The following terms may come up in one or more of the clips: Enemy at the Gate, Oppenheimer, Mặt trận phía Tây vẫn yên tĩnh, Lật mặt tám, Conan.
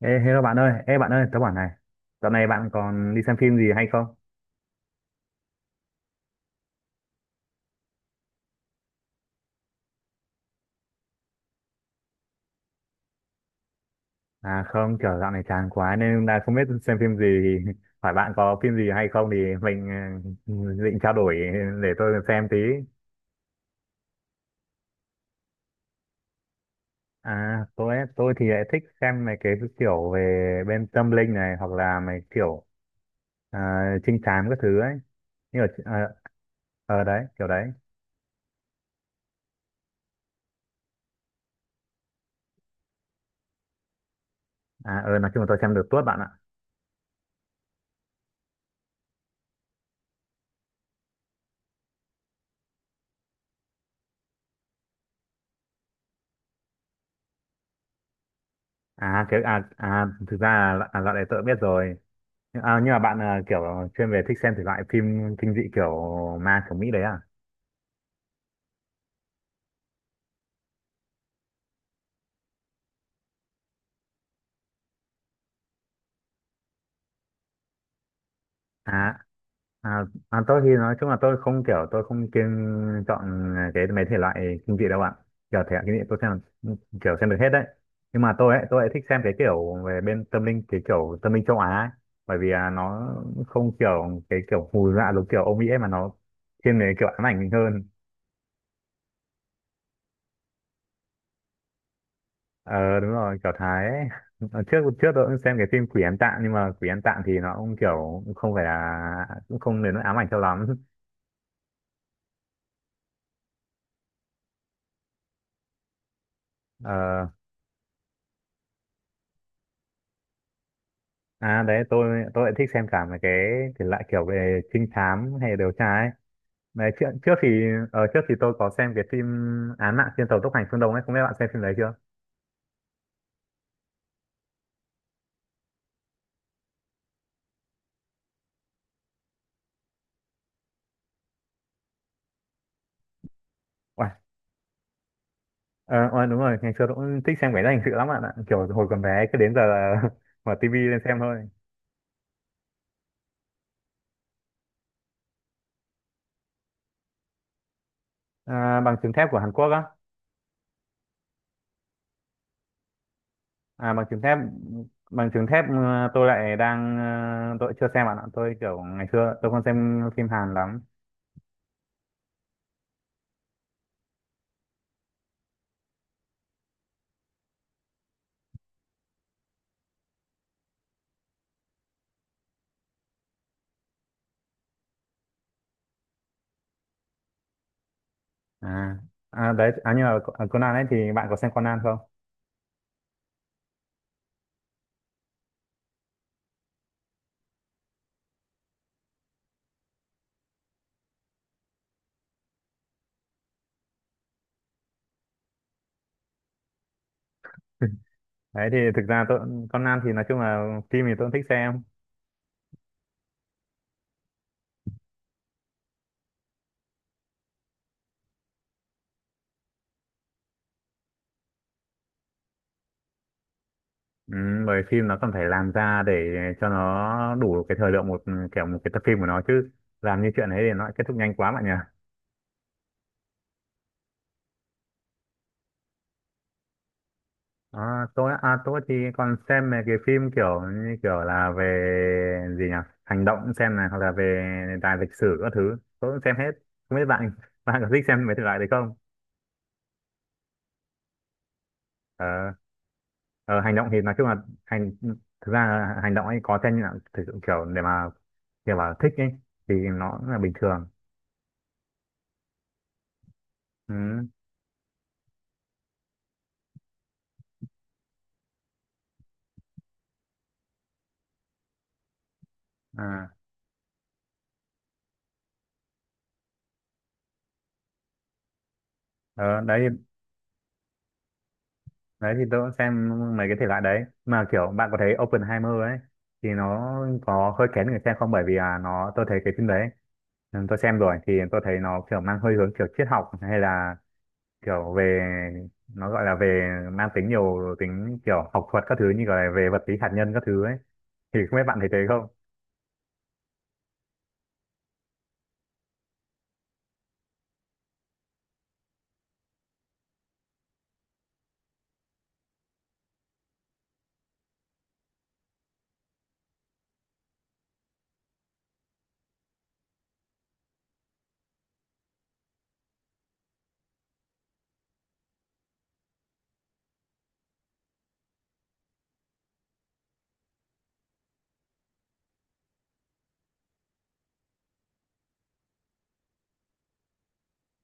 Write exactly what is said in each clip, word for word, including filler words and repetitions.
Ê, hello bạn ơi, ê bạn ơi, tớ bảo này, dạo này bạn còn đi xem phim gì hay không? À không, kiểu dạo này chán quá nên là không biết xem phim gì, thì hỏi bạn có phim gì hay không thì mình ừ, định trao đổi để tôi xem tí. À tôi ấy, tôi thì lại thích xem mấy cái kiểu về bên tâm linh này hoặc là mấy kiểu à, trinh thám các thứ ấy. Như ở, ờ ờ, Đấy, kiểu đấy. À ờ nói chung là tôi xem được tuốt bạn ạ. À cái, à à thực ra là à, loại đấy tớ biết rồi nhưng, à, nhưng mà bạn à, kiểu chuyên về thích xem thể loại phim kinh dị kiểu ma kiểu Mỹ đấy à. À à, à tôi thì nói chung là tôi không kiểu tôi không kiêng chọn cái mấy thể loại kinh dị đâu ạ. Kiểu thể loại kinh dị tôi xem kiểu xem được hết đấy nhưng mà tôi ấy tôi ấy thích xem cái kiểu về bên tâm linh cái kiểu tâm linh châu Á ấy. Bởi vì à, nó không kiểu cái kiểu hù dọa giống kiểu Âu Mỹ ấy mà nó thiên về kiểu ám ảnh mình hơn. Ờ đúng rồi kiểu Thái ấy. Ờ, trước trước tôi cũng xem cái phim Quỷ Ăn Tạng nhưng mà Quỷ Ăn Tạng thì nó cũng kiểu cũng không phải là cũng không đến nỗi ám ảnh cho lắm. ờ, à Đấy, tôi tôi lại thích xem cả mấy cái thể loại kiểu về trinh thám hay điều tra ấy. Đấy trước trước thì ờ, trước thì tôi có xem cái phim Án mạng trên tàu tốc hành phương Đông ấy, không biết bạn xem phim đấy chưa? Uầy, ờ ờ, đúng rồi ngày xưa tôi cũng thích xem cái đó hình sự lắm bạn ạ, kiểu hồi còn bé cứ đến giờ là mở tivi lên xem thôi. À, bằng chứng thép của Hàn Quốc á? À, bằng chứng thép bằng chứng thép ờ, tôi lại đang ờ, Tôi chưa xem bạn ạ. Tôi kiểu ngày xưa tôi không xem phim Hàn lắm. À, à đấy, à, nhưng mà Co- Conan ấy thì bạn có xem Conan không? Đấy thì thực ra tôi Conan thì nói chung là phim thì tôi cũng thích xem. Ừ, bởi phim nó cần phải làm ra để cho nó đủ cái thời lượng một kiểu một cái tập phim của nó chứ làm như chuyện ấy thì nó kết thúc nhanh quá bạn nhỉ. À, tôi á- à, tôi thì còn xem mấy cái phim kiểu như kiểu là về gì nhỉ, hành động xem này hoặc là về đề tài lịch sử các thứ tôi cũng xem hết, không biết bạn bạn có thích xem mấy thể loại đấy không? ờ, ờ, Hành động thì nói chung là hành thực ra là hành động ấy có xem như là thực sự kiểu để mà kiểu bảo thích ấy thì nó cũng là bình thường. Ừ. à, ờ, đấy đấy thì tôi cũng xem mấy cái thể loại đấy mà kiểu bạn có thấy Oppenheimer ấy thì nó có hơi kén người xem không, bởi vì là nó tôi thấy cái phim đấy. Ừ, tôi xem rồi thì tôi thấy nó kiểu mang hơi hướng kiểu triết học hay là kiểu về nó gọi là về mang tính nhiều tính kiểu học thuật các thứ như gọi là về vật lý hạt nhân các thứ ấy, thì không biết bạn thấy thế không?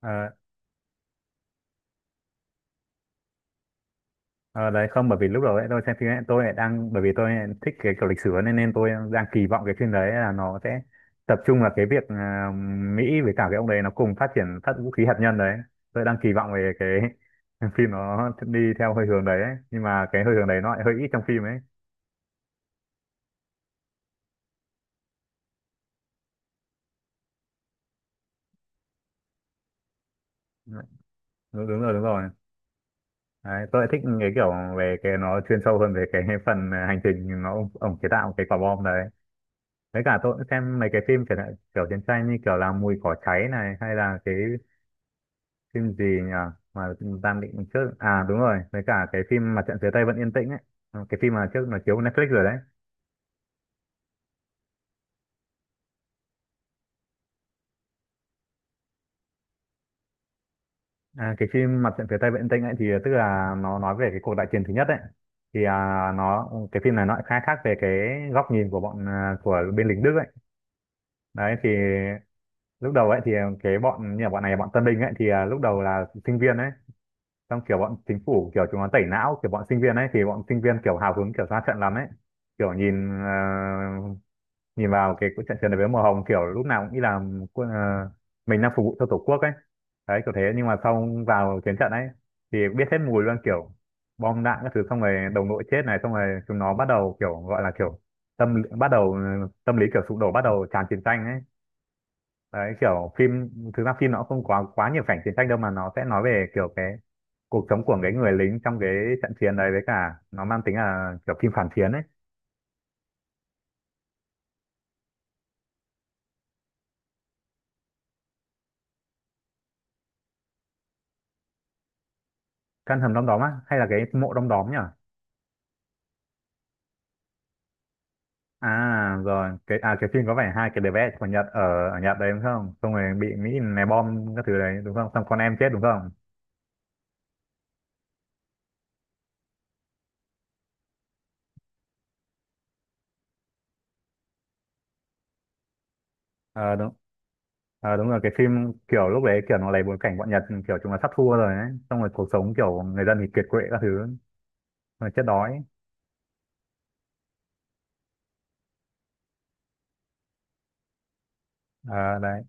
ờ, ờ, Đấy, không, bởi vì lúc đầu ấy tôi xem phim ấy tôi lại đang bởi vì tôi lại thích cái kiểu lịch sử ấy, nên nên tôi đang kỳ vọng cái phim đấy là nó sẽ tập trung vào cái việc à, Mỹ với cả cái ông đấy nó cùng phát triển phát vũ khí hạt nhân đấy, tôi đang kỳ vọng về cái phim nó đi theo hơi hướng đấy ấy. Nhưng mà cái hơi hướng đấy nó lại hơi ít trong phim ấy. Đúng, đúng rồi, đúng rồi, đấy, tôi lại thích cái kiểu về cái nó chuyên sâu hơn về cái phần à, hành trình nó ông, ông chế tạo cái quả bom đấy, với cả tôi cũng xem mấy cái phim kiểu, kiểu chiến tranh như kiểu là mùi cỏ cháy này hay là cái phim gì nhỉ mà Tam Định trước à đúng rồi với cả cái phim Mặt trận phía Tây vẫn yên tĩnh ấy. Ừ, cái phim mà trước nó chiếu Netflix rồi đấy. À, cái phim Mặt trận phía Tây vẫn yên tĩnh ấy thì tức là nó nói về cái cuộc đại chiến thứ nhất ấy, thì à, nó cái phim này nó lại khai thác về cái góc nhìn của bọn à, của bên lính Đức ấy. Đấy thì lúc đầu ấy thì ờ, cái bọn như là bọn này bọn Tân Bình ấy thì à, lúc đầu là sinh viên ấy, xong kiểu bọn chính phủ kiểu chúng nó tẩy não kiểu bọn sinh viên ấy thì bọn sinh viên kiểu hào hứng kiểu ra trận lắm ấy, kiểu nhìn ờ, nhìn vào cái trận trận đấu với màu hồng kiểu lúc nào cũng nghĩ là quân- ờ, mình đang phục vụ cho tổ quốc ấy. Đấy kiểu thế nhưng mà xong vào chiến trận ấy thì biết hết mùi luôn, kiểu bom đạn các thứ xong rồi đồng đội chết này xong rồi chúng nó bắt đầu kiểu gọi là kiểu tâm bắt đầu ờ, tâm lý kiểu sụp đổ bắt đầu tràn chiến tranh ấy. Đấy kiểu phim thực ra phim nó không quá quá nhiều cảnh chiến tranh đâu mà nó sẽ nói về kiểu cái cuộc sống của cái người lính trong cái trận chiến đấy, với cả nó mang tính là kiểu phim phản chiến ấy. Căn hầm đom đóm á hay là cái mộ đom đóm nhỉ? À rồi cái à cái phim có vẻ hai cái đứa bé của Nhật ở ở Nhật đấy đúng không, xong rồi bị Mỹ ném bom các thứ đấy đúng không, xong con em chết đúng không? ờ đúng ờ Đúng rồi cái phim kiểu lúc đấy kiểu nó lấy bối cảnh bọn Nhật kiểu chúng là sắp thua rồi ấy, xong rồi cuộc sống kiểu người dân thì kiệt quệ các thứ rồi chết đói. Ờ đấy.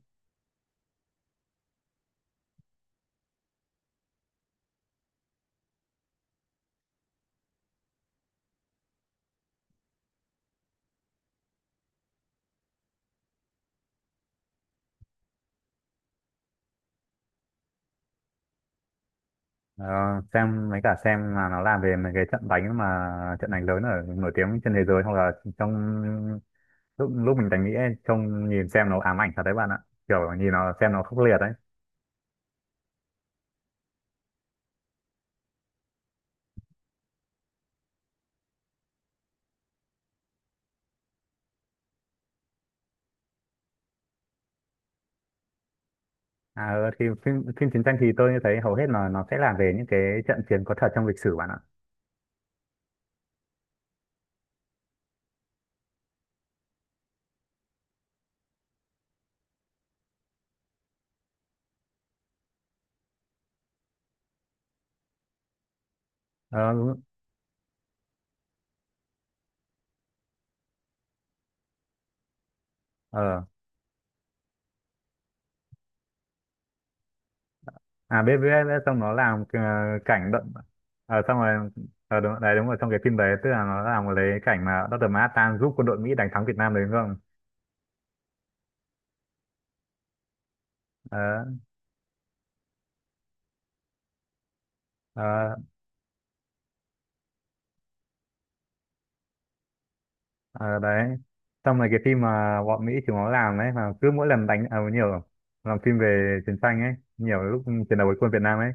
Ờ, xem mấy cả xem là nó làm về mấy cái trận đánh mà trận đánh lớn ở nổi tiếng trên thế giới hoặc là trong lúc lúc mình đánh Mỹ ấy, trông nhìn xem nó ám ảnh thật đấy bạn ạ, kiểu nhìn nó xem nó khốc liệt đấy. À ờ, thì phim phim chiến tranh thì tôi thấy hầu hết là nó sẽ làm về những cái trận chiến có thật trong lịch sử bạn ạ. ờ đúng- ờ à Biết biết biết, xong nó làm ờ, cảnh đậm ờ xong rồi. Ờ đúng đấy, đúng rồi trong cái phim đấy tức là nó làm lấy cảnh mà Doctor Manhattan giúp quân đội Mỹ đánh thắng Việt Nam đấy đúng không? ờ ờ Ờ, Đấy, xong rồi cái phim mà bọn Mỹ chúng nó làm ấy mà cứ mỗi lần đánh à, nhiều làm phim về chiến tranh ấy nhiều lúc chiến đấu với quân Việt Nam ấy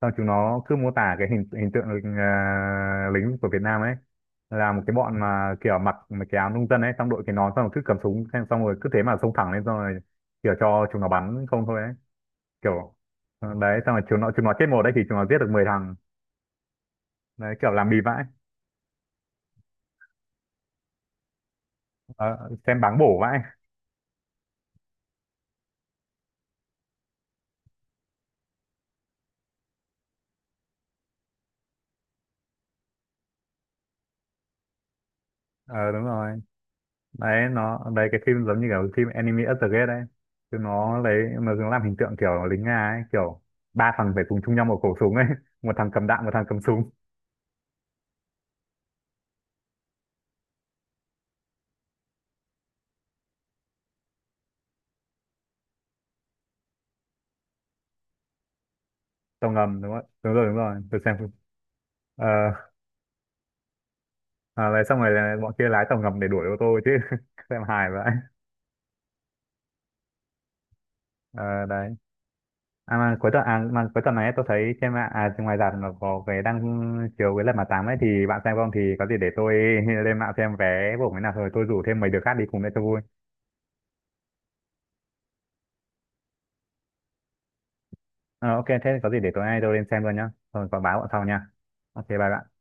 xong chúng nó cứ mô tả cái hình hình tượng à, lính của Việt Nam ấy là một cái bọn mà kiểu mặc mấy cái áo nông dân ấy xong đội cái nón xong rồi cứ cầm súng xong xong rồi cứ thế mà xông thẳng lên xong rồi kiểu cho chúng nó bắn không thôi ấy kiểu. Ờ, đấy xong rồi chúng nó chúng nó chết một đấy thì chúng nó giết được mười thằng, đấy kiểu làm bì vãi. Ờ, xem báng bổ vãi. ờ Đúng rồi đấy nó đấy cái phim giống như kiểu phim Enemy at the Gate đấy chứ nó lấy mà nó làm hình tượng kiểu lính Nga ấy kiểu ba thằng phải cùng chung nhau một khẩu súng ấy một thằng cầm đạn một thằng cầm súng. Tàu ngầm đúng không? Đúng rồi, đúng rồi tôi xem phim. ờ à, Đấy xong rồi là bọn kia lái tàu ngầm để đuổi ô tô chứ xem hài vậy. Ờ đấy. À mà cuối tuần à, mà cuối tuần này tôi thấy trên mạng à ngoài rạp nó có cái đang chiếu cái lật mặt tám ấy, thì bạn xem không thì có gì để tôi lên mạng xem vé của cái nào rồi tôi rủ thêm mấy đứa khác đi cùng để cho vui. Ờ, ok thế có gì để tối nay tôi lên xem luôn nhá. Thôi có báo bọn sau nha. Ok bye bạn.